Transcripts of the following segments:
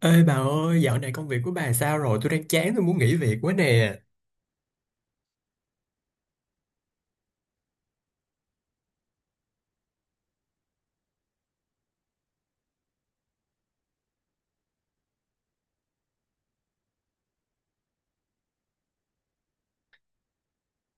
Ê bà ơi, dạo này công việc của bà sao rồi? Tôi đang chán, tôi muốn nghỉ việc quá nè.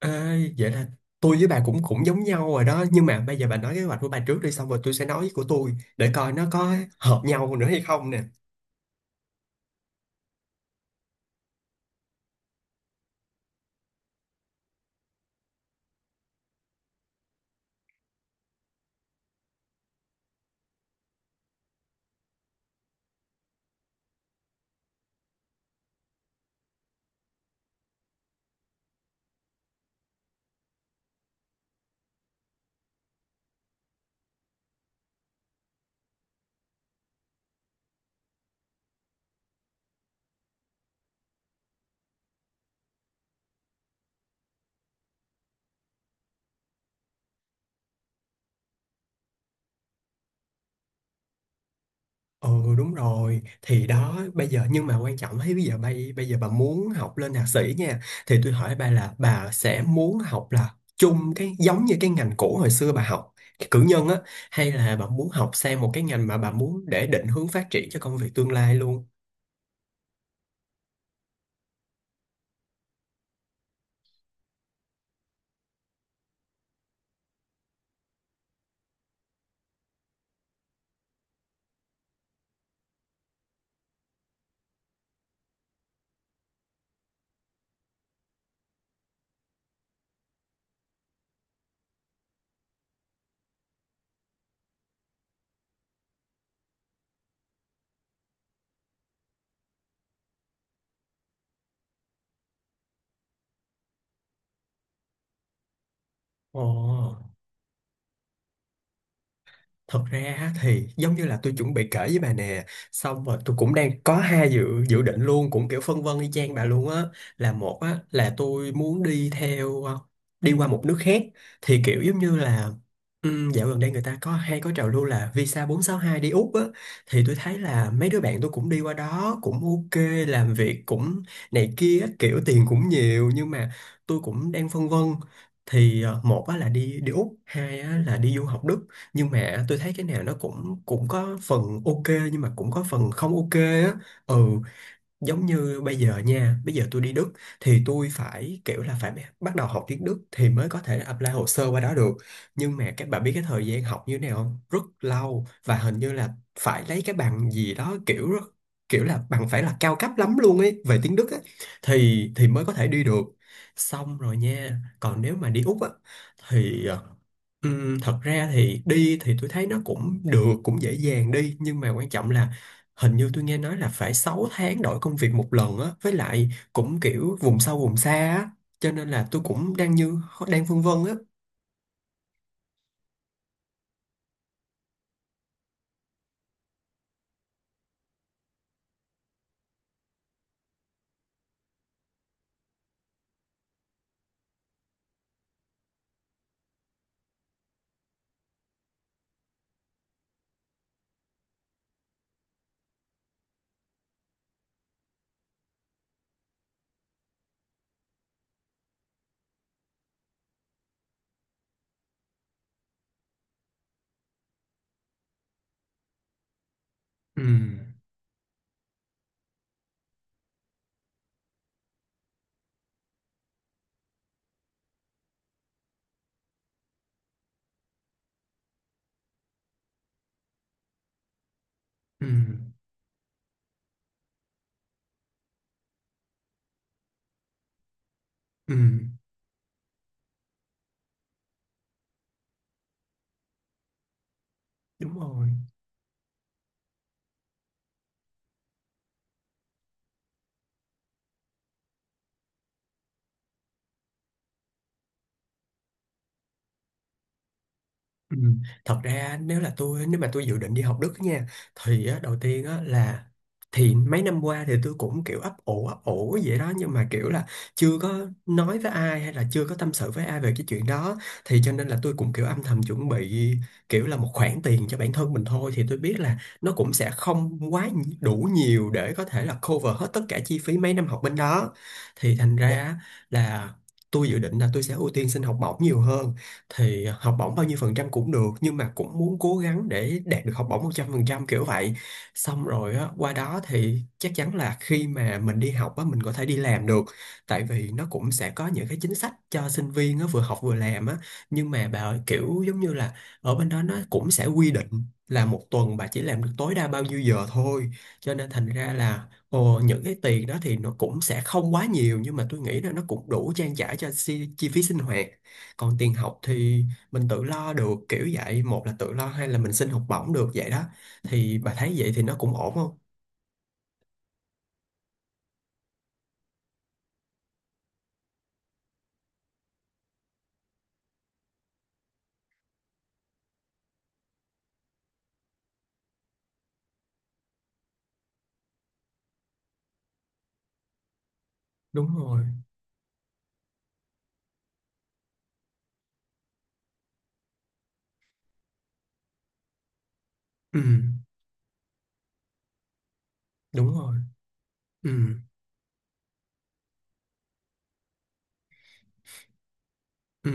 Ê, vậy là tôi với bà cũng cũng giống nhau rồi đó. Nhưng mà bây giờ bà nói kế hoạch của bà trước đi, xong rồi tôi sẽ nói của tôi để coi nó có hợp nhau nữa hay không nè. Ừ, đúng rồi, thì đó bây giờ, nhưng mà quan trọng thấy bây giờ bây bây giờ bà muốn học lên thạc sĩ nha, thì tôi hỏi bà là bà sẽ muốn học là chung cái giống như cái ngành cũ hồi xưa bà học cái cử nhân á, hay là bà muốn học sang một cái ngành mà bà muốn để định hướng phát triển cho công việc tương lai luôn. Ồ, thật ra á thì giống như là tôi chuẩn bị kể với bà nè. Xong rồi tôi cũng đang có hai dự dự định luôn. Cũng kiểu phân vân y chang bà luôn á. Là một á, là tôi muốn đi theo đi qua một nước khác. Thì kiểu giống như là dạo gần đây người ta có hay có trào lưu là Visa 462 đi Úc á. Thì tôi thấy là mấy đứa bạn tôi cũng đi qua đó. Cũng ok, làm việc cũng này kia á, kiểu tiền cũng nhiều. Nhưng mà tôi cũng đang phân vân, thì một á là đi đi Úc, hai á là đi du học Đức, nhưng mà tôi thấy cái nào nó cũng cũng có phần ok, nhưng mà cũng có phần không ok á. Ừ, giống như bây giờ nha, bây giờ tôi đi Đức thì tôi phải kiểu là phải bắt đầu học tiếng Đức thì mới có thể apply hồ sơ qua đó được, nhưng mà các bạn biết cái thời gian học như thế nào không, rất lâu, và hình như là phải lấy cái bằng gì đó kiểu rất, kiểu là bằng phải là cao cấp lắm luôn ấy về tiếng Đức á, thì mới có thể đi được. Xong rồi nha, còn nếu mà đi Úc á thì thật ra thì đi thì tôi thấy nó cũng được, cũng dễ dàng đi, nhưng mà quan trọng là hình như tôi nghe nói là phải 6 tháng đổi công việc một lần á, với lại cũng kiểu vùng sâu vùng xa á, cho nên là tôi cũng đang như đang vương vân á. Ừm, ừm, ừm, đúng rồi. Ừ. Thật ra nếu mà tôi dự định đi học Đức nha, thì á, đầu tiên á, là thì mấy năm qua thì tôi cũng kiểu ấp ủ vậy đó, nhưng mà kiểu là chưa có nói với ai hay là chưa có tâm sự với ai về cái chuyện đó, thì cho nên là tôi cũng kiểu âm thầm chuẩn bị, kiểu là một khoản tiền cho bản thân mình thôi, thì tôi biết là nó cũng sẽ không quá đủ nhiều để có thể là cover hết tất cả chi phí mấy năm học bên đó, thì thành ra á, là tôi dự định là tôi sẽ ưu tiên xin học bổng nhiều hơn. Thì học bổng bao nhiêu phần trăm cũng được, nhưng mà cũng muốn cố gắng để đạt được học bổng 100% kiểu vậy. Xong rồi á, qua đó thì chắc chắn là khi mà mình đi học á, mình có thể đi làm được, tại vì nó cũng sẽ có những cái chính sách cho sinh viên á, vừa học vừa làm á. Nhưng mà bà ơi, kiểu giống như là ở bên đó nó cũng sẽ quy định là một tuần bà chỉ làm được tối đa bao nhiêu giờ thôi, cho nên thành ra là, ồ, những cái tiền đó thì nó cũng sẽ không quá nhiều, nhưng mà tôi nghĩ là nó cũng đủ trang trải cho chi phí sinh hoạt. Còn tiền học thì mình tự lo được kiểu vậy, một là tự lo hay là mình xin học bổng được vậy đó. Thì bà thấy vậy thì nó cũng ổn không? Đúng rồi. Ừ, đúng rồi. Ừ, ừ.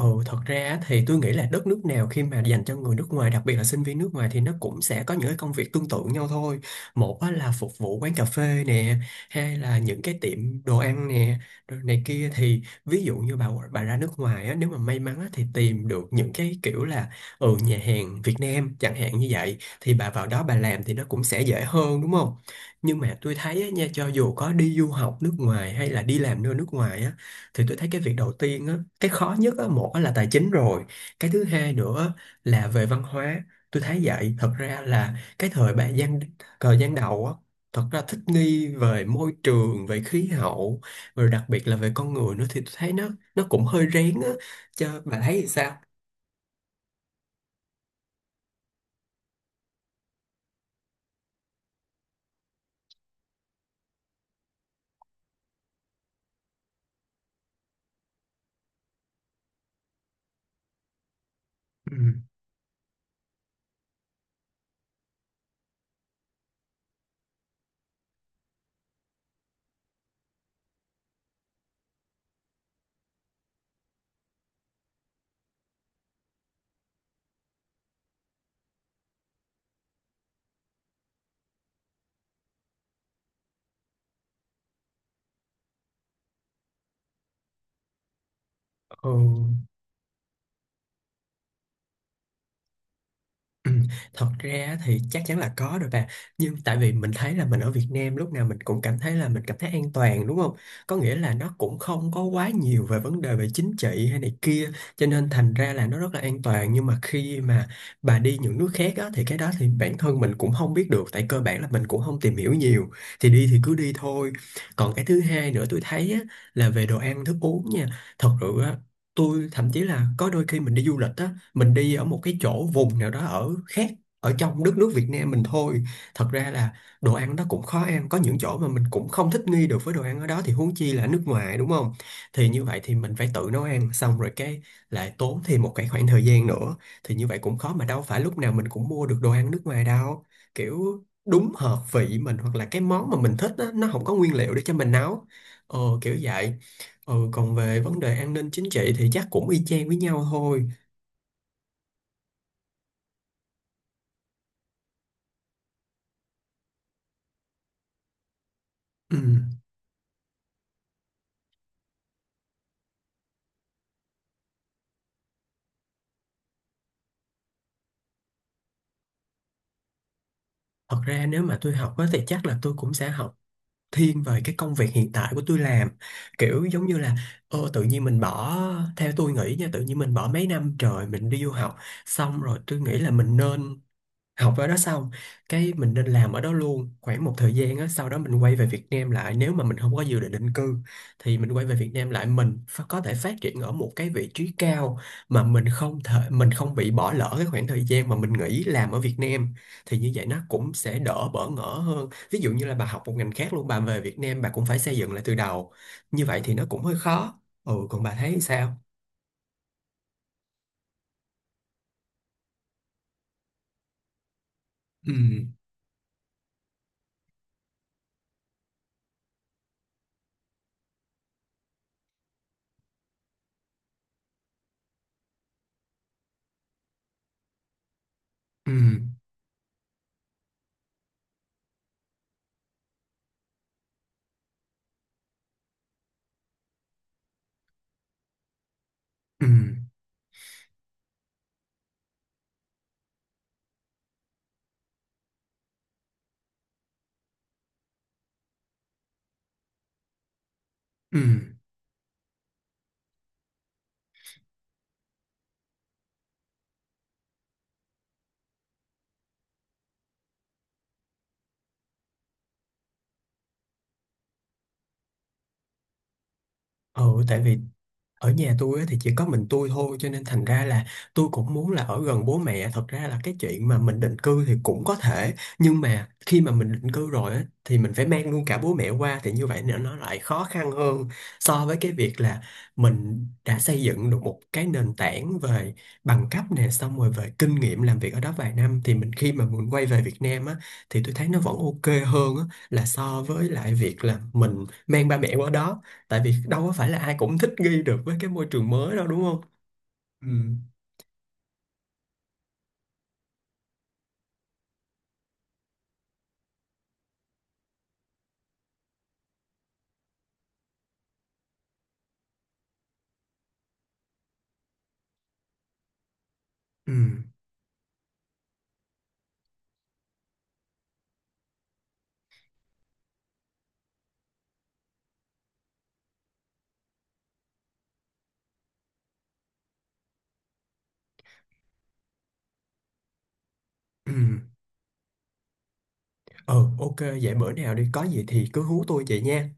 Ừ, thật ra á thì tôi nghĩ là đất nước nào khi mà dành cho người nước ngoài, đặc biệt là sinh viên nước ngoài, thì nó cũng sẽ có những cái công việc tương tự nhau thôi. Một á là phục vụ quán cà phê nè, hai là những cái tiệm đồ ăn nè, rồi này kia. Thì ví dụ như bà ra nước ngoài á, nếu mà may mắn á, thì tìm được những cái kiểu là, ừ, nhà hàng Việt Nam chẳng hạn, như vậy thì bà vào đó bà làm thì nó cũng sẽ dễ hơn, đúng không? Nhưng mà tôi thấy á, nha, cho dù có đi du học nước ngoài hay là đi làm nơi nước ngoài á, thì tôi thấy cái việc đầu tiên á, cái khó nhất á, một á là tài chính rồi, cái thứ hai nữa là về văn hóa. Tôi thấy vậy, thật ra là cái thời gian đầu á, thật ra thích nghi về môi trường, về khí hậu, rồi đặc biệt là về con người nữa, thì tôi thấy nó cũng hơi rén á. Cho bà thấy thì sao? Ừ. Ừ. Ừ, thật ra á thì chắc chắn là có rồi bà, nhưng tại vì mình thấy là mình ở Việt Nam lúc nào mình cũng cảm thấy là mình cảm thấy an toàn, đúng không, có nghĩa là nó cũng không có quá nhiều về vấn đề về chính trị hay này kia, cho nên thành ra là nó rất là an toàn. Nhưng mà khi mà bà đi những nước khác á, thì cái đó thì bản thân mình cũng không biết được, tại cơ bản là mình cũng không tìm hiểu nhiều, thì đi thì cứ đi thôi. Còn cái thứ hai nữa tôi thấy á, là về đồ ăn thức uống nha. Thật sự á, tôi thậm chí là có đôi khi mình đi du lịch á, mình đi ở một cái chỗ vùng nào đó ở khác, ở trong đất nước Việt Nam mình thôi, thật ra là đồ ăn đó cũng khó ăn, có những chỗ mà mình cũng không thích nghi được với đồ ăn ở đó, thì huống chi là nước ngoài, đúng không. Thì như vậy thì mình phải tự nấu ăn, xong rồi cái lại tốn thêm một cái khoảng thời gian nữa, thì như vậy cũng khó, mà đâu phải lúc nào mình cũng mua được đồ ăn nước ngoài đâu, kiểu đúng hợp vị mình, hoặc là cái món mà mình thích đó, nó không có nguyên liệu để cho mình nấu, kiểu vậy. Ừ, còn về vấn đề an ninh chính trị thì chắc cũng y chang với nhau thôi. Ừ. Thật ra nếu mà tôi học á, thì chắc là tôi cũng sẽ học thiên về cái công việc hiện tại của tôi làm, kiểu giống như là, ô, tự nhiên mình bỏ, theo tôi nghĩ nha, tự nhiên mình bỏ mấy năm trời mình đi du học, xong rồi tôi nghĩ là mình nên học ở đó xong cái mình nên làm ở đó luôn khoảng một thời gian á, sau đó mình quay về Việt Nam lại, nếu mà mình không có dự định định cư thì mình quay về Việt Nam lại, mình có thể phát triển ở một cái vị trí cao, mà mình không thể, mình không bị bỏ lỡ cái khoảng thời gian mà mình nghỉ làm ở Việt Nam, thì như vậy nó cũng sẽ đỡ bỡ ngỡ hơn. Ví dụ như là bà học một ngành khác luôn, bà về Việt Nam bà cũng phải xây dựng lại từ đầu, như vậy thì nó cũng hơi khó. Ừ, còn bà thấy sao? Ừ, ừ, ừ, ừ. Ừ, tại vì ở nhà tôi á thì chỉ có mình tôi thôi, cho nên thành ra là tôi cũng muốn là ở gần bố mẹ. Thật ra là cái chuyện mà mình định cư thì cũng có thể, nhưng mà khi mà mình định cư rồi á thì mình phải mang luôn cả bố mẹ qua, thì như vậy nó lại khó khăn hơn so với cái việc là mình đã xây dựng được một cái nền tảng về bằng cấp nè, xong rồi về kinh nghiệm làm việc ở đó vài năm, thì mình khi mà mình quay về Việt Nam á, thì tôi thấy nó vẫn ok hơn á, là so với lại việc là mình mang ba mẹ qua đó, tại vì đâu có phải là ai cũng thích nghi được với cái môi trường mới đâu, đúng không. Ừ. Ừ, ừ. Ừ, ok, vậy bữa nào đi có gì thì cứ hú tôi vậy nha.